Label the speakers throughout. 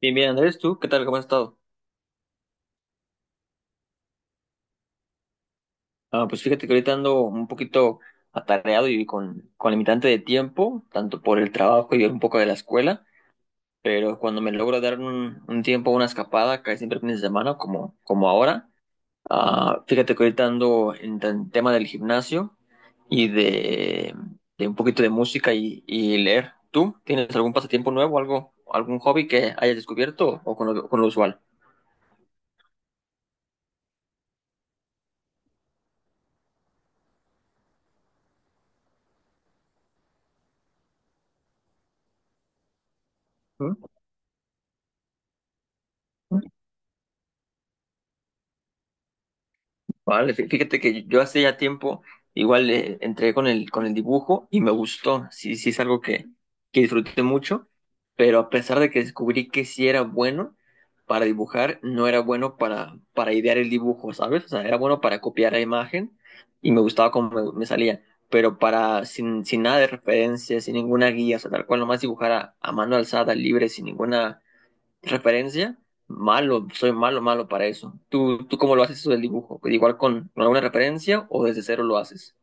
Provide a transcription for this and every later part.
Speaker 1: Bien, bien, Andrés, ¿tú qué tal? ¿Cómo has estado? Pues fíjate que ahorita ando un poquito atareado y con limitante de tiempo, tanto por el trabajo y un poco de la escuela, pero cuando me logro dar un tiempo, una escapada, casi siempre fines de semana, como, como ahora, fíjate que ahorita ando en el tema del gimnasio y de un poquito de música y leer. ¿Tú tienes algún pasatiempo nuevo, algo, algún hobby que hayas descubierto o con lo usual? ¿Mm? Vale, fíjate que yo hace ya tiempo igual entré con el dibujo y me gustó. Sí, sí es algo que disfruté mucho, pero a pesar de que descubrí que sí era bueno para dibujar, no era bueno para idear el dibujo, ¿sabes? O sea, era bueno para copiar la imagen y me gustaba cómo me, me salía, pero para sin, sin nada de referencia, sin ninguna guía, o sea, tal cual nomás dibujar a mano alzada, libre, sin ninguna ¿referencia? Malo, soy malo, malo para eso. ¿Tú, tú cómo lo haces eso del dibujo? ¿Pues igual con alguna referencia o desde cero lo haces?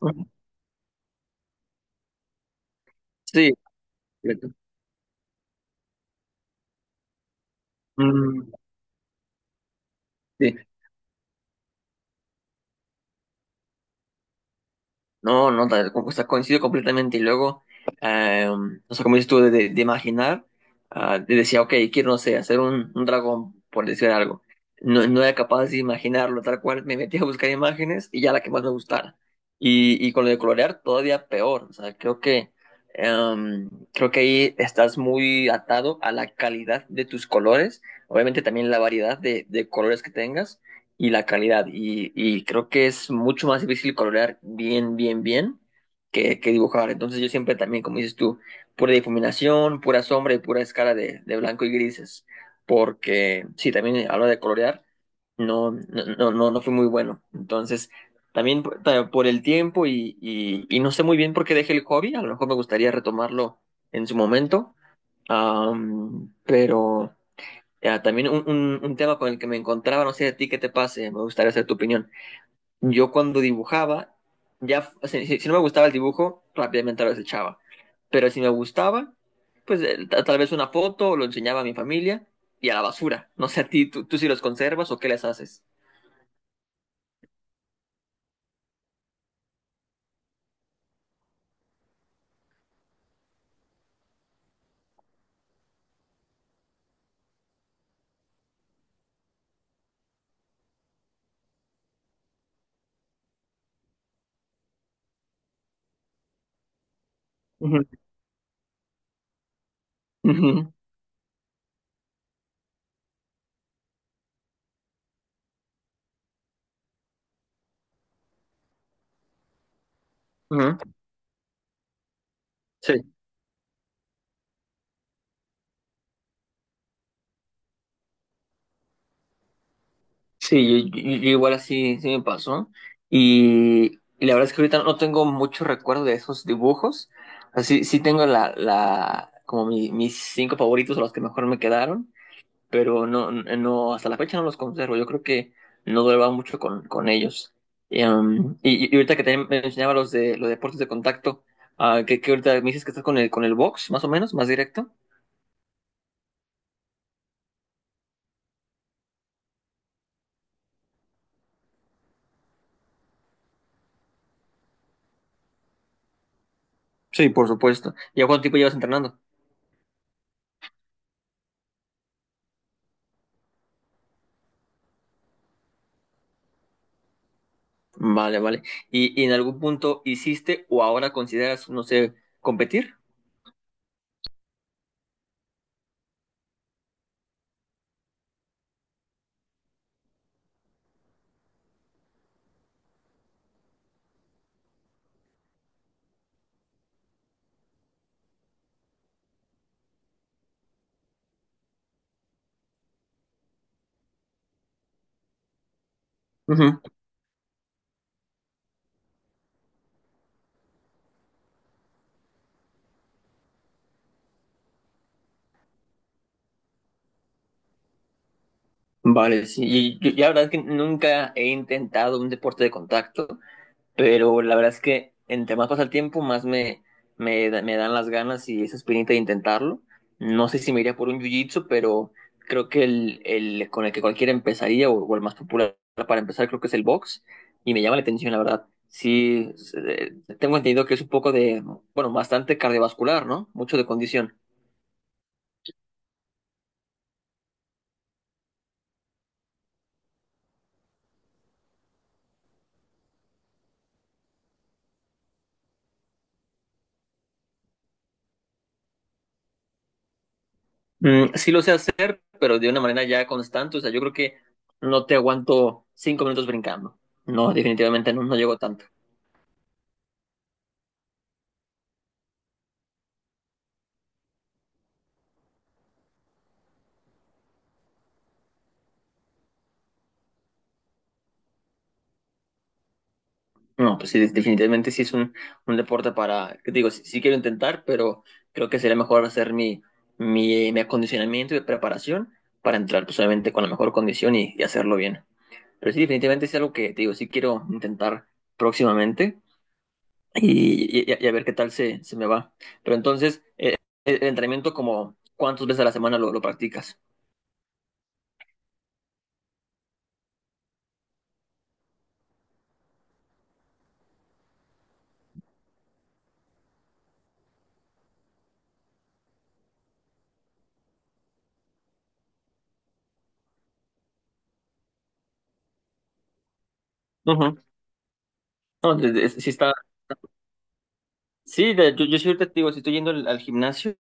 Speaker 1: Ujú. Sí, completo. Mm, sí. No, no, o sea, coincido completamente. Y luego, eh, o sea, como dices tú, de, de imaginar, de decía, ok, quiero, no sé, hacer un dragón, por decir algo. No, no era capaz de imaginarlo, tal cual me metí a buscar imágenes y ya la que más me gustara. Y con lo de colorear, todavía peor. O sea, creo que, creo que ahí estás muy atado a la calidad de tus colores, obviamente también la variedad de colores que tengas y la calidad. Y creo que es mucho más difícil colorear bien, bien, bien que dibujar. Entonces yo siempre también, como dices tú, pura difuminación, pura sombra y pura escala de blanco y grises. Porque sí, también a la hora de colorear no, no, no, no fui muy bueno. Entonces, también por por el tiempo y no sé muy bien por qué dejé el hobby. A lo mejor me gustaría retomarlo en su momento. Pero ya, también un tema con el que me encontraba, no sé a ti qué te pase, me gustaría saber tu opinión. Yo cuando dibujaba, ya, o sea, si, si no me gustaba el dibujo, rápidamente lo desechaba. Pero si me gustaba, pues tal vez una foto, lo enseñaba a mi familia y a la basura. No sé a ti, tú si los conservas o qué les haces. Ujú, ujú, ujú. Sí. Sí, yo, yo igual así sí me pasó. Y la verdad es que ahorita no tengo mucho recuerdo de esos dibujos. Así sí tengo la, la, como mis cinco favoritos, o los que mejor me quedaron, pero no, no, hasta la fecha no los conservo. Yo creo que no duraba mucho con ellos. Y, y ahorita que te mencionaba los de los deportes de contacto, que ahorita me dices que estás con el box, más o menos, más directo. Sí, por supuesto. ¿Y a cuánto tiempo llevas entrenando? Vale, vale. Y en algún punto hiciste o ahora consideras, no sé, competir? Ujú. Vale, sí. Y la verdad es que nunca he intentado un deporte de contacto. Pero la verdad es que entre más pasa el tiempo, más me, me, me dan las ganas y esa espinita de intentarlo. No sé si me iría por un jiu-jitsu, pero creo que el con el que cualquiera empezaría o el más popular para empezar creo que es el box y me llama la atención, la verdad. Sí, es, tengo entendido que es un poco de, bueno, bastante cardiovascular, ¿no? Mucho de condición. Mm, sí lo sé hacer, pero de una manera ya constante. O sea, yo creo que no te aguanto 5 minutos brincando. No, definitivamente no, no llego tanto. No, pues sí, definitivamente sí es un deporte para, que te digo, sí, sí quiero intentar, pero creo que sería mejor hacer mi, mi, mi acondicionamiento y preparación para entrar pues obviamente con la mejor condición y hacerlo bien. Pero sí, definitivamente es algo que, te digo, sí quiero intentar próximamente y, y a ver qué tal se, se me va. Pero entonces, el entrenamiento como, ¿cuántas veces a la semana lo practicas? Ujú. No, sí está, sí, yo, yo soy testigo, si estoy yendo al al gimnasio.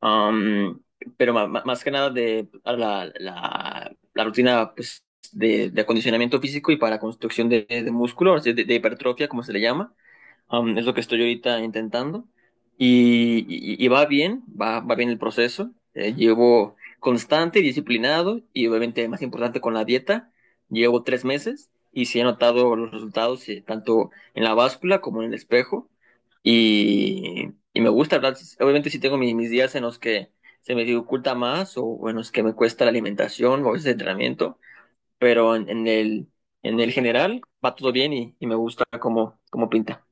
Speaker 1: Am, pero más que nada de a la, la, la rutina pues, de acondicionamiento físico y para construcción de músculo, o sea, de hipertrofia, como se le llama. Es lo que estoy ahorita intentando y, y va bien, va, va bien el proceso. Llevo constante y disciplinado y obviamente más importante con la dieta. Llevo 3 meses y sí he notado los resultados tanto en la báscula como en el espejo y me gusta, ¿verdad? Obviamente sí tengo mis días en los que se me dificulta más o en los que me cuesta la alimentación o a veces el entrenamiento, pero en el general va todo bien y me gusta como cómo cómo pinta.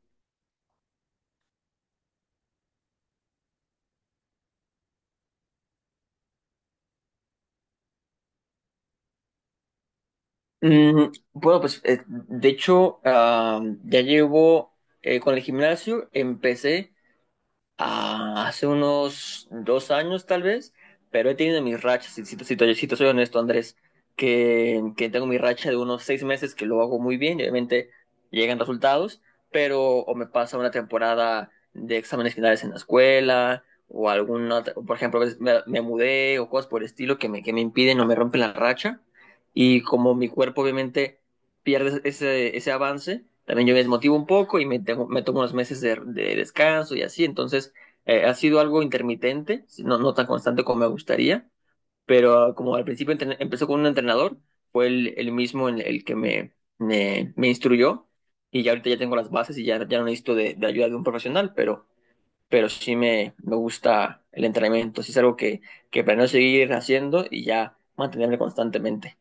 Speaker 1: Mm, bueno, pues de hecho, ya llevo con el gimnasio, empecé. Ah, hace unos 2 años tal vez, pero he tenido mis rachas, si, si, si, si te soy honesto, Andrés, que tengo mi racha de unos 6 meses que lo hago muy bien, y obviamente llegan resultados, pero o me pasa una temporada de exámenes finales en la escuela, o alguna, por ejemplo, a veces me, me mudé o cosas por el estilo que me impiden o me rompen la racha, y como mi cuerpo obviamente pierdes ese, ese avance, también yo me desmotivo un poco y me, me tomo unos meses de descanso y así. Entonces, ha sido algo intermitente, no, no tan constante como me gustaría, pero como al principio empezó con un entrenador, fue el mismo en el que me instruyó y ya ahorita ya tengo las bases y ya, ya no necesito de ayuda de un profesional, pero sí me gusta el entrenamiento, sí es algo que planeo seguir haciendo y ya mantenerme constantemente.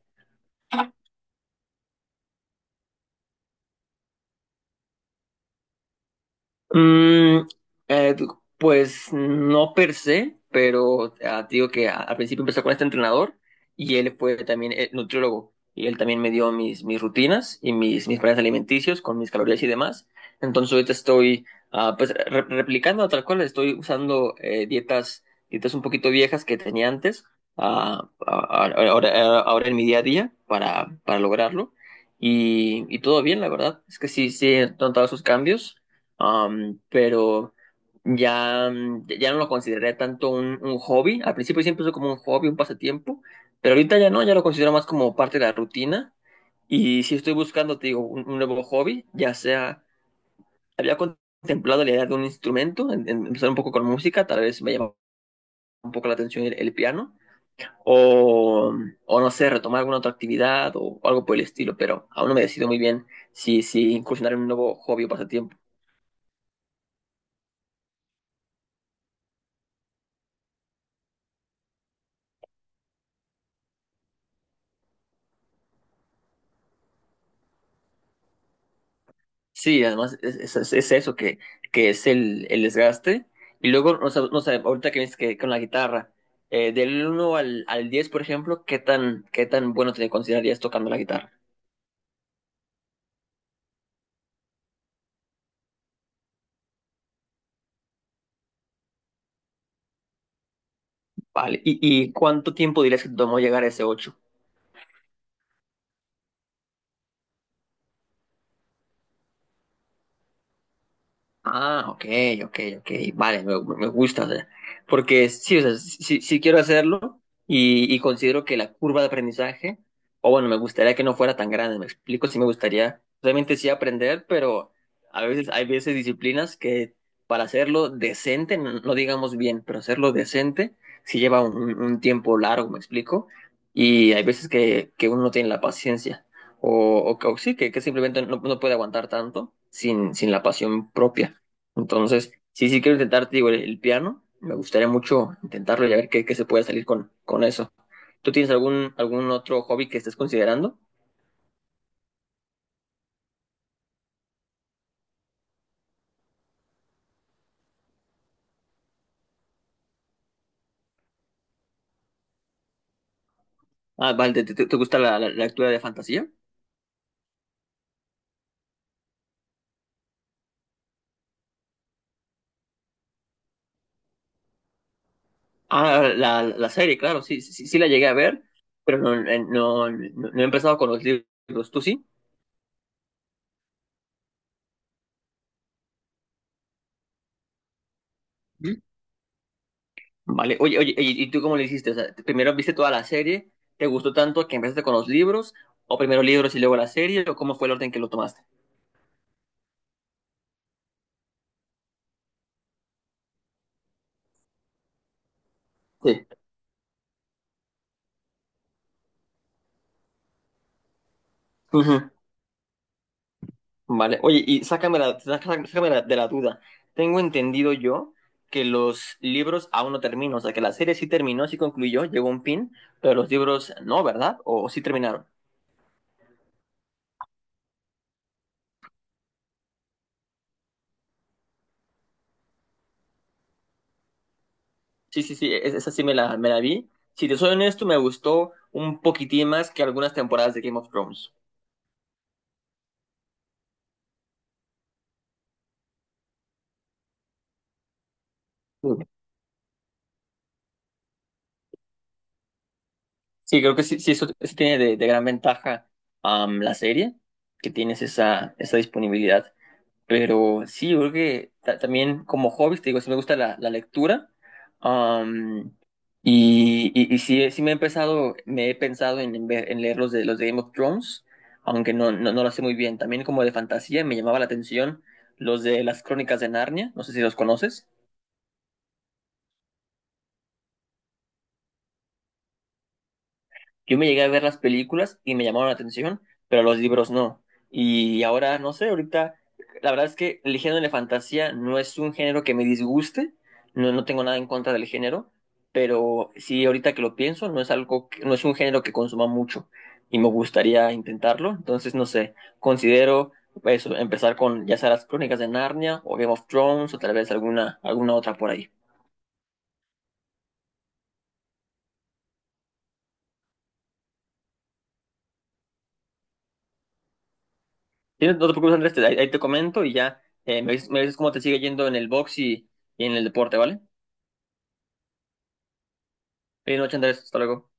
Speaker 1: Mm, eh, pues no per se, pero te digo que al principio empezó con este entrenador y él fue también nutriólogo y él también me dio mis, mis rutinas y mis, mis planes alimenticios con mis calorías y demás. Entonces ahorita estoy pues replicando tal cual, estoy usando dietas, dietas un poquito viejas que tenía antes, ah, ah, ahora, ahora en mi día a día para lograrlo. Y todo bien, la verdad. Es que sí, sí he notado sus cambios. Pero ya, mm, ya no lo consideré tanto un hobby. Al principio siempre fue como un hobby, un pasatiempo, pero ahorita ya no, ya lo considero más como parte de la rutina. Y si estoy buscando, te digo, un nuevo hobby, ya sea, había contemplado la idea de un instrumento, en empezar un poco con música, tal vez me llama un poco la atención el piano, o, o no sé, retomar alguna otra actividad o, algo por el estilo, pero aún no me decido muy bien si, si incursionar en un nuevo hobby o pasatiempo. Sí, además es- es eso que es el desgaste. Y luego, no sé, no sé, ahorita que ves que con la guitarra, del uno al, al 10 por ejemplo, qué tan bueno te considerarías tocando la guitarra? Vale. Y cuánto tiempo dirías que te tomó llegar a ese ocho? Ah, ok, ok, ok. Vale, me gusta. O sea, porque sí, o sea, sí, sí quiero hacerlo y considero que la curva de aprendizaje, o bueno, me gustaría que no fuera tan grande. Me explico, sí me gustaría, obviamente sí aprender, pero a veces hay veces disciplinas que para hacerlo decente, no, no digamos bien, pero hacerlo decente sí lleva un, un tiempo largo, me explico. Y hay veces que uno no tiene la paciencia o sí, que simplemente no, no puede aguantar tanto sin, sin la pasión propia. Entonces, sí, sí quiero intentar, te digo, el piano. Me gustaría mucho intentarlo y a ver qué, qué se puede salir con eso. ¿Tú tienes algún, algún otro hobby que estés considerando? Ah, vale, ¿te, te gusta la, la, la lectura de fantasía? Ah, la serie, claro, sí, sí, sí sí la llegué a ver, pero no, no, no, no he empezado con los libros. ¿Tú sí? ¿Mm? Vale, oye, oye, y tú cómo le hiciste? O sea, primero viste toda la serie, ¿te gustó tanto que empezaste con los libros? ¿O primero libros y luego la serie? ¿O cómo fue el orden que lo tomaste? Sí. Ujú. Vale, oye, y sácame sácame de la duda. Tengo entendido yo que los libros aún no terminan, o sea, que la serie sí terminó, sí concluyó, llegó a un fin, pero los libros no, ¿verdad? ¿O sí terminaron? Sí, sí, sí, esa sí me la vi. Si te soy honesto, me gustó un poquitín más que algunas temporadas de Game of Thrones. Mm. Sí, creo que sí, sí, eso tiene de gran ventaja la serie, que tienes esa, esa disponibilidad. Pero sí, yo creo que también como hobby, te digo, sí me gusta la, la lectura. am, y, y sí, sí me he empezado, me he pensado en, en leer los de Game of Thrones, aunque no, no, no lo sé muy bien. También como de fantasía me llamaba la atención los de las Crónicas de Narnia, no sé si los conoces. Yo me llegué a ver las películas y me llamaron la atención, pero los libros no. Y ahora, no sé, ahorita, la verdad es que el género de fantasía no es un género que me disguste, no, no tengo nada en contra del género, pero sí, ahorita que lo pienso, no es algo, no es un género que consuma mucho y me gustaría intentarlo, entonces, no sé, considero eso, empezar con ya sea las crónicas de Narnia o Game of Thrones o tal vez alguna, alguna otra por ahí. Sí, no te preocupes, Andrés, ahí, ahí te comento y ya me dices cómo te sigue yendo en el box y en el deporte, ¿vale? Feliz noche, Andrés, hasta luego.